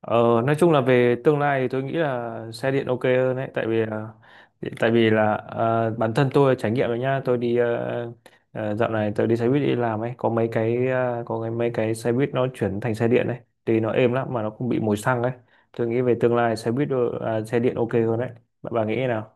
Ờ, nói chung là về tương lai thì tôi nghĩ là xe điện ok hơn đấy tại vì là bản thân tôi trải nghiệm rồi nhá tôi đi dạo này tôi đi xe buýt đi làm ấy có có mấy cái xe buýt nó chuyển thành xe điện đấy thì nó êm lắm mà nó không bị mùi xăng ấy. Tôi nghĩ về tương lai xe buýt ờ, à, xe điện ok hơn đấy, bạn bà nghĩ thế nào?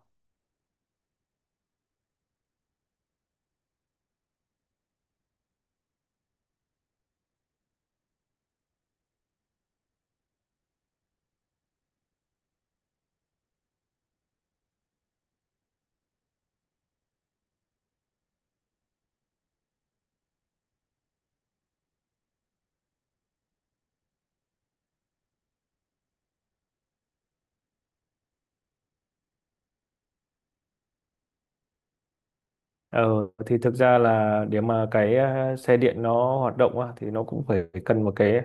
Ờ, thì thực ra là để mà xe điện nó hoạt động á, thì nó cũng phải cần một cái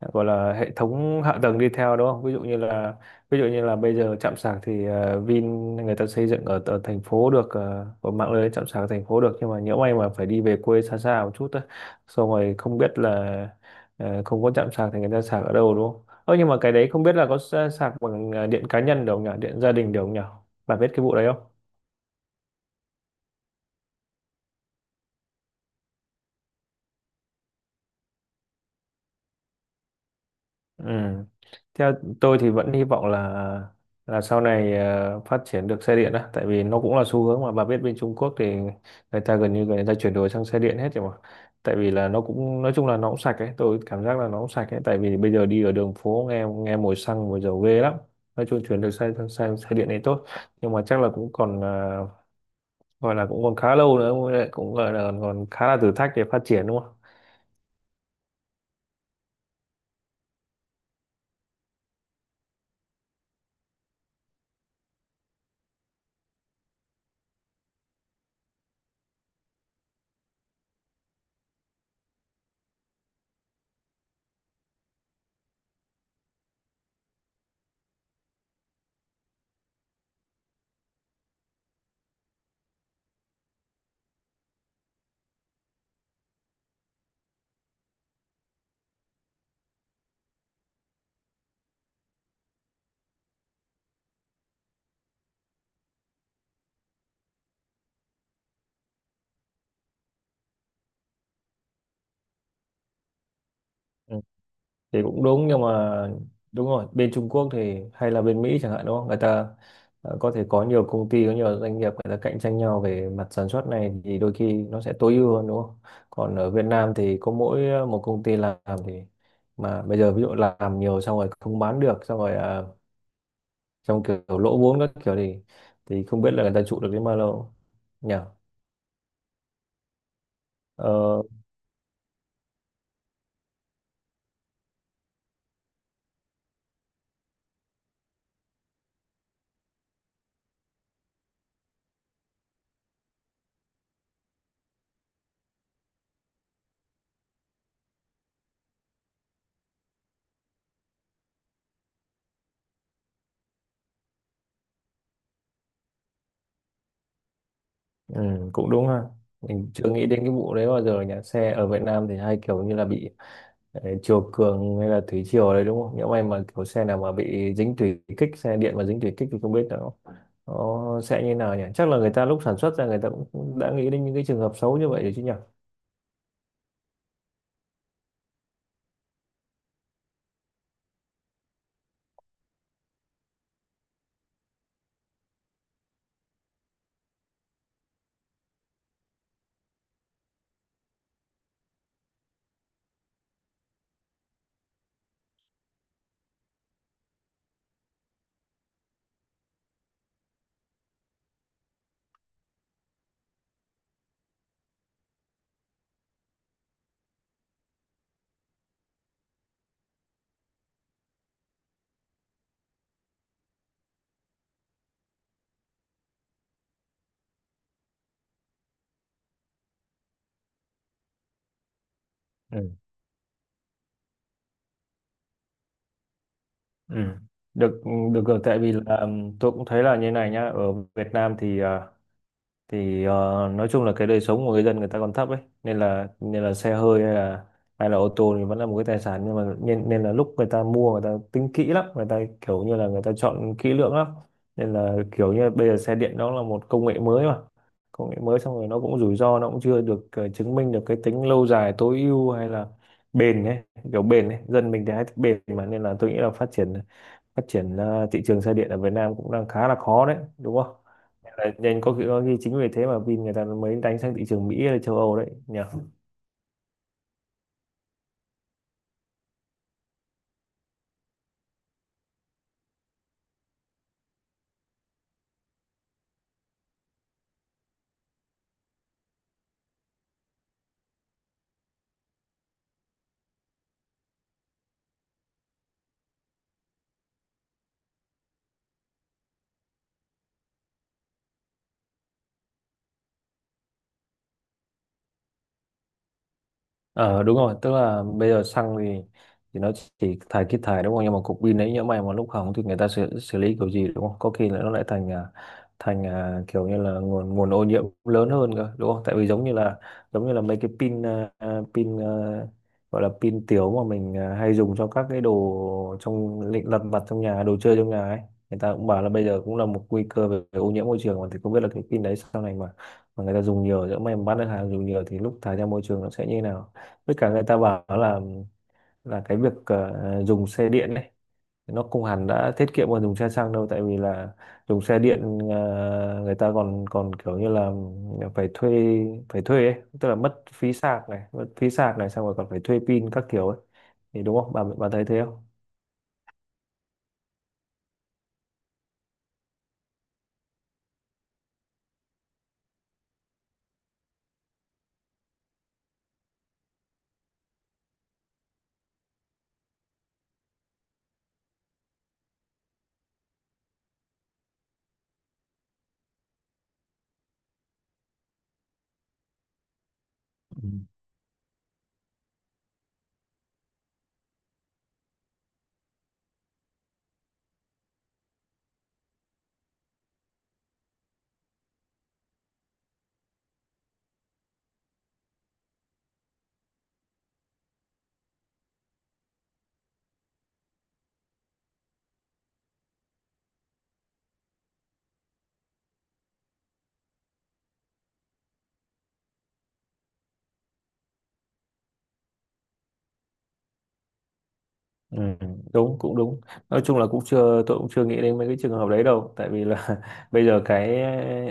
gọi là hệ thống hạ tầng đi theo, đúng không? Ví dụ như là ví dụ như là bây giờ trạm sạc thì Vin người ta xây dựng ở thành phố được, ở mạng lưới trạm sạc thành phố được, nhưng mà nhỡ may mà phải đi về quê xa xa một chút á, xong rồi không biết là không có trạm sạc thì người ta sạc ở đâu đúng không? Ơ nhưng mà cái đấy không biết là có sạc bằng điện cá nhân được không nhỉ? Điện gia đình được không nhỉ? Bà biết cái vụ đấy không? Ừ. Theo tôi thì vẫn hy vọng là sau này phát triển được xe điện á, tại vì nó cũng là xu hướng mà bà biết, bên Trung Quốc thì người ta gần như người ta chuyển đổi sang xe điện hết rồi mà. Tại vì là nó cũng nói chung là nó cũng sạch ấy, tôi cảm giác là nó cũng sạch ấy, tại vì bây giờ đi ở đường phố nghe nghe mùi xăng mùi dầu ghê lắm. Nói chung chuyển được xe sang sang xe điện này tốt, nhưng mà chắc là cũng còn gọi là cũng còn khá lâu nữa, cũng cũng gọi là còn khá là thử thách để phát triển đúng không? Ừ, thì cũng đúng nhưng mà đúng rồi, bên Trung Quốc thì hay là bên Mỹ chẳng hạn đúng không, người ta có thể có nhiều công ty, có nhiều doanh nghiệp người ta cạnh tranh nhau về mặt sản xuất này thì đôi khi nó sẽ tối ưu hơn đúng không, còn ở Việt Nam thì có mỗi một công ty làm thì mà bây giờ ví dụ làm nhiều xong rồi không bán được xong rồi trong kiểu lỗ vốn các kiểu thì không biết là người ta trụ được đến bao lâu nhỉ. ờ, ừ, Cũng đúng ha, mình chưa nghĩ đến cái vụ đấy bao giờ nhỉ, xe ở Việt Nam thì hay kiểu như là bị. Đấy, chiều cường hay là thủy triều đấy đúng không? Nhỡ may mà kiểu xe nào mà bị dính thủy kích, xe điện mà dính thủy kích thì không biết nó sẽ như nào nhỉ? Chắc là người ta lúc sản xuất ra người ta cũng cũng đã nghĩ đến những cái trường hợp xấu như vậy rồi chứ nhỉ? Ừ. Ừ. Được được rồi, tại vì là tôi cũng thấy là như này nhá, ở Việt Nam thì thì nói chung là cái đời sống của người dân người ta còn thấp ấy, nên là xe hơi hay là ô tô thì vẫn là một cái tài sản, nhưng mà nên nên là lúc người ta mua người ta tính kỹ lắm, người ta kiểu như là người ta chọn kỹ lưỡng lắm, nên là kiểu như bây giờ xe điện đó là một công nghệ mới mà. Công nghệ mới xong rồi nó cũng rủi ro, nó cũng chưa được chứng minh được cái tính lâu dài tối ưu hay là bền ấy, kiểu bền ấy, dân mình thì hay thích bền mà, nên là tôi nghĩ là phát triển thị trường xe điện ở Việt Nam cũng đang khá là khó đấy đúng không, nên có khi chính vì thế mà Vin người ta mới đánh sang thị trường Mỹ hay là châu Âu đấy nhỉ. Ờ đúng rồi, tức là bây giờ xăng thì nó chỉ thải kít thải đúng không? Nhưng mà cục pin đấy nhỡ may mà lúc hỏng thì người ta xử lý kiểu gì đúng không? Có khi là nó lại thành kiểu như là nguồn nguồn ô nhiễm lớn hơn cơ đúng không? Tại vì giống như là mấy cái pin, gọi là pin tiểu mà mình hay dùng cho các cái đồ trong lịnh lặt vặt trong nhà, đồ chơi trong nhà ấy. Người ta cũng bảo là bây giờ cũng là một nguy cơ về ô nhiễm môi trường mà, thì không biết là cái pin đấy sau này mà người ta dùng nhiều, nhỡ may mà bán được hàng dùng nhiều thì lúc thải ra môi trường nó sẽ như thế nào? Với cả người ta bảo là cái việc dùng xe điện này nó không hẳn đã tiết kiệm hơn dùng xe xăng đâu, tại vì là dùng xe điện người ta còn còn kiểu như là phải thuê phải thuê ấy, tức là mất phí sạc này, mất phí sạc này, xong rồi còn phải thuê pin các kiểu ấy, thì đúng không, bà thấy thế không? Ừ, đúng cũng đúng, nói chung là cũng chưa tôi cũng chưa nghĩ đến mấy cái trường hợp đấy đâu, tại vì là bây giờ cái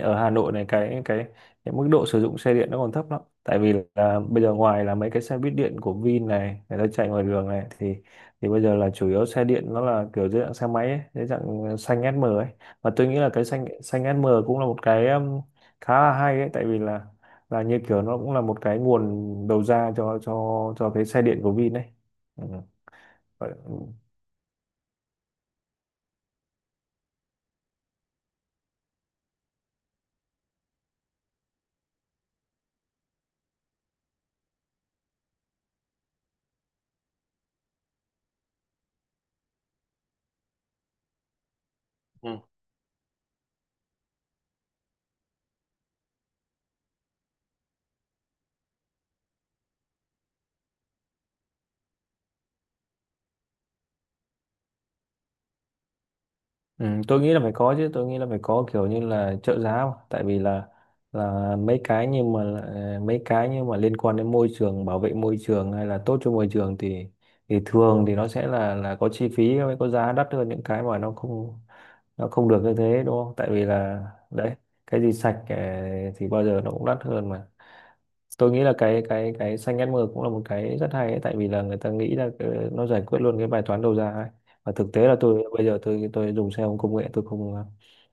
ở Hà Nội này cái cái mức độ sử dụng xe điện nó còn thấp lắm, tại vì là bây giờ ngoài là mấy cái xe buýt điện của Vin này người ta chạy ngoài đường này thì bây giờ là chủ yếu xe điện nó là kiểu dưới dạng xe máy ấy, dưới dạng xanh SM ấy, và tôi nghĩ là cái xanh xanh SM cũng là một cái khá là hay ấy, tại vì là như kiểu nó cũng là một cái nguồn đầu ra cho cái xe điện của Vin đấy. Ừ. Ừ. Ừ, tôi nghĩ là phải có chứ, tôi nghĩ là phải có kiểu như là trợ giá mà. Tại vì là mấy cái nhưng mà mấy cái nhưng mà liên quan đến môi trường, bảo vệ môi trường hay là tốt cho môi trường thì thường thì nó sẽ là có chi phí mới, có giá đắt hơn những cái mà nó không được như thế đúng không, tại vì là đấy, cái gì sạch thì bao giờ nó cũng đắt hơn mà. Tôi nghĩ là cái xanh ghét mưa cũng là một cái rất hay ấy, tại vì là người ta nghĩ là nó giải quyết luôn cái bài toán đầu ra ấy. Và thực tế là tôi bây giờ tôi dùng xe ôm công nghệ, tôi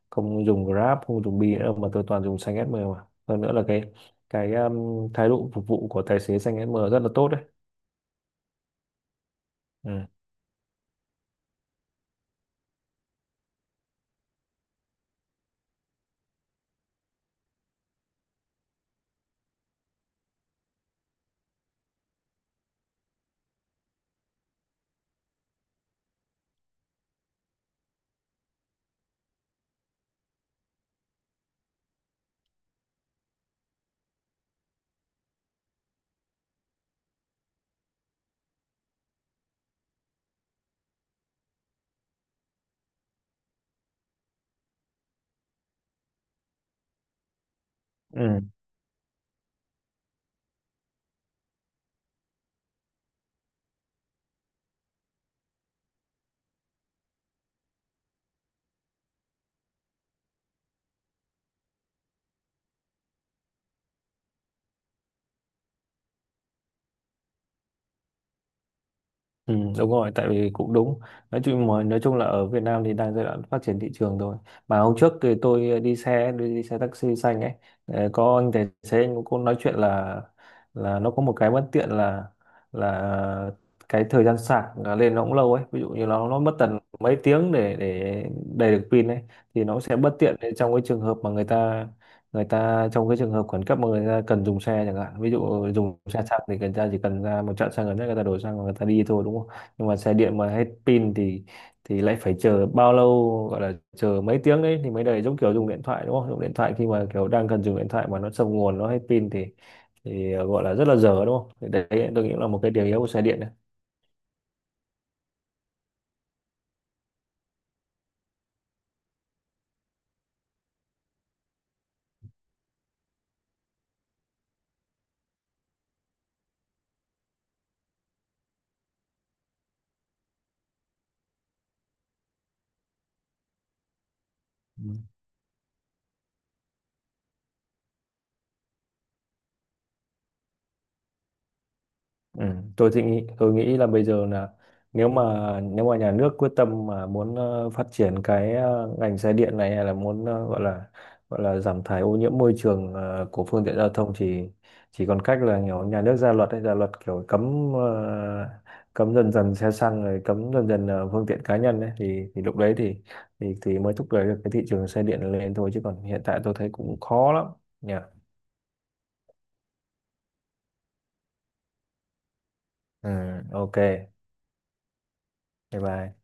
không dùng Grab, không dùng Bi nữa mà tôi toàn dùng xanh SM mà, hơn nữa là cái thái độ phục vụ của tài xế xanh SM rất là tốt đấy. Ừ. Ừ. Ừ, đúng rồi, tại vì cũng đúng. Nói chung mà nói chung là ở Việt Nam thì đang giai đoạn phát triển thị trường rồi. Mà hôm trước thì tôi đi xe taxi xanh ấy, có anh tài xế anh cũng nói chuyện là nó có một cái bất tiện là cái thời gian sạc là lên nó cũng lâu ấy. Ví dụ như nó mất tận mấy tiếng để đầy được pin ấy, thì nó sẽ bất tiện trong cái trường hợp mà người ta trong cái trường hợp khẩn cấp mà người ta cần dùng xe chẳng hạn, ví dụ dùng xe xăng thì người ta chỉ cần ra một trạm xăng gần nhất, người ta đổ xăng và người ta đi thôi đúng không, nhưng mà xe điện mà hết pin thì lại phải chờ bao lâu, gọi là chờ mấy tiếng đấy thì mới đầy, giống kiểu dùng điện thoại đúng không, dùng điện thoại khi mà kiểu đang cần dùng điện thoại mà nó sập nguồn nó hết pin thì gọi là rất là dở đúng không, thì đấy tôi nghĩ là một cái điểm yếu của xe điện đấy. Ừ. Ừ, tôi nghĩ là bây giờ là nếu mà nếu mà nhà nước quyết tâm mà muốn phát triển cái ngành xe điện này, hay là muốn gọi là giảm thải ô nhiễm môi trường của phương tiện giao thông thì chỉ còn cách là kiểu nhà nước ra luật hay ra luật kiểu cấm cấm dần dần xe xăng, rồi cấm dần dần phương tiện cá nhân ấy, thì lúc đấy thì thì mới thúc đẩy được cái thị trường xe điện lên thôi, chứ còn hiện tại tôi thấy cũng khó lắm nhỉ. Ừ, ok. Bye bye.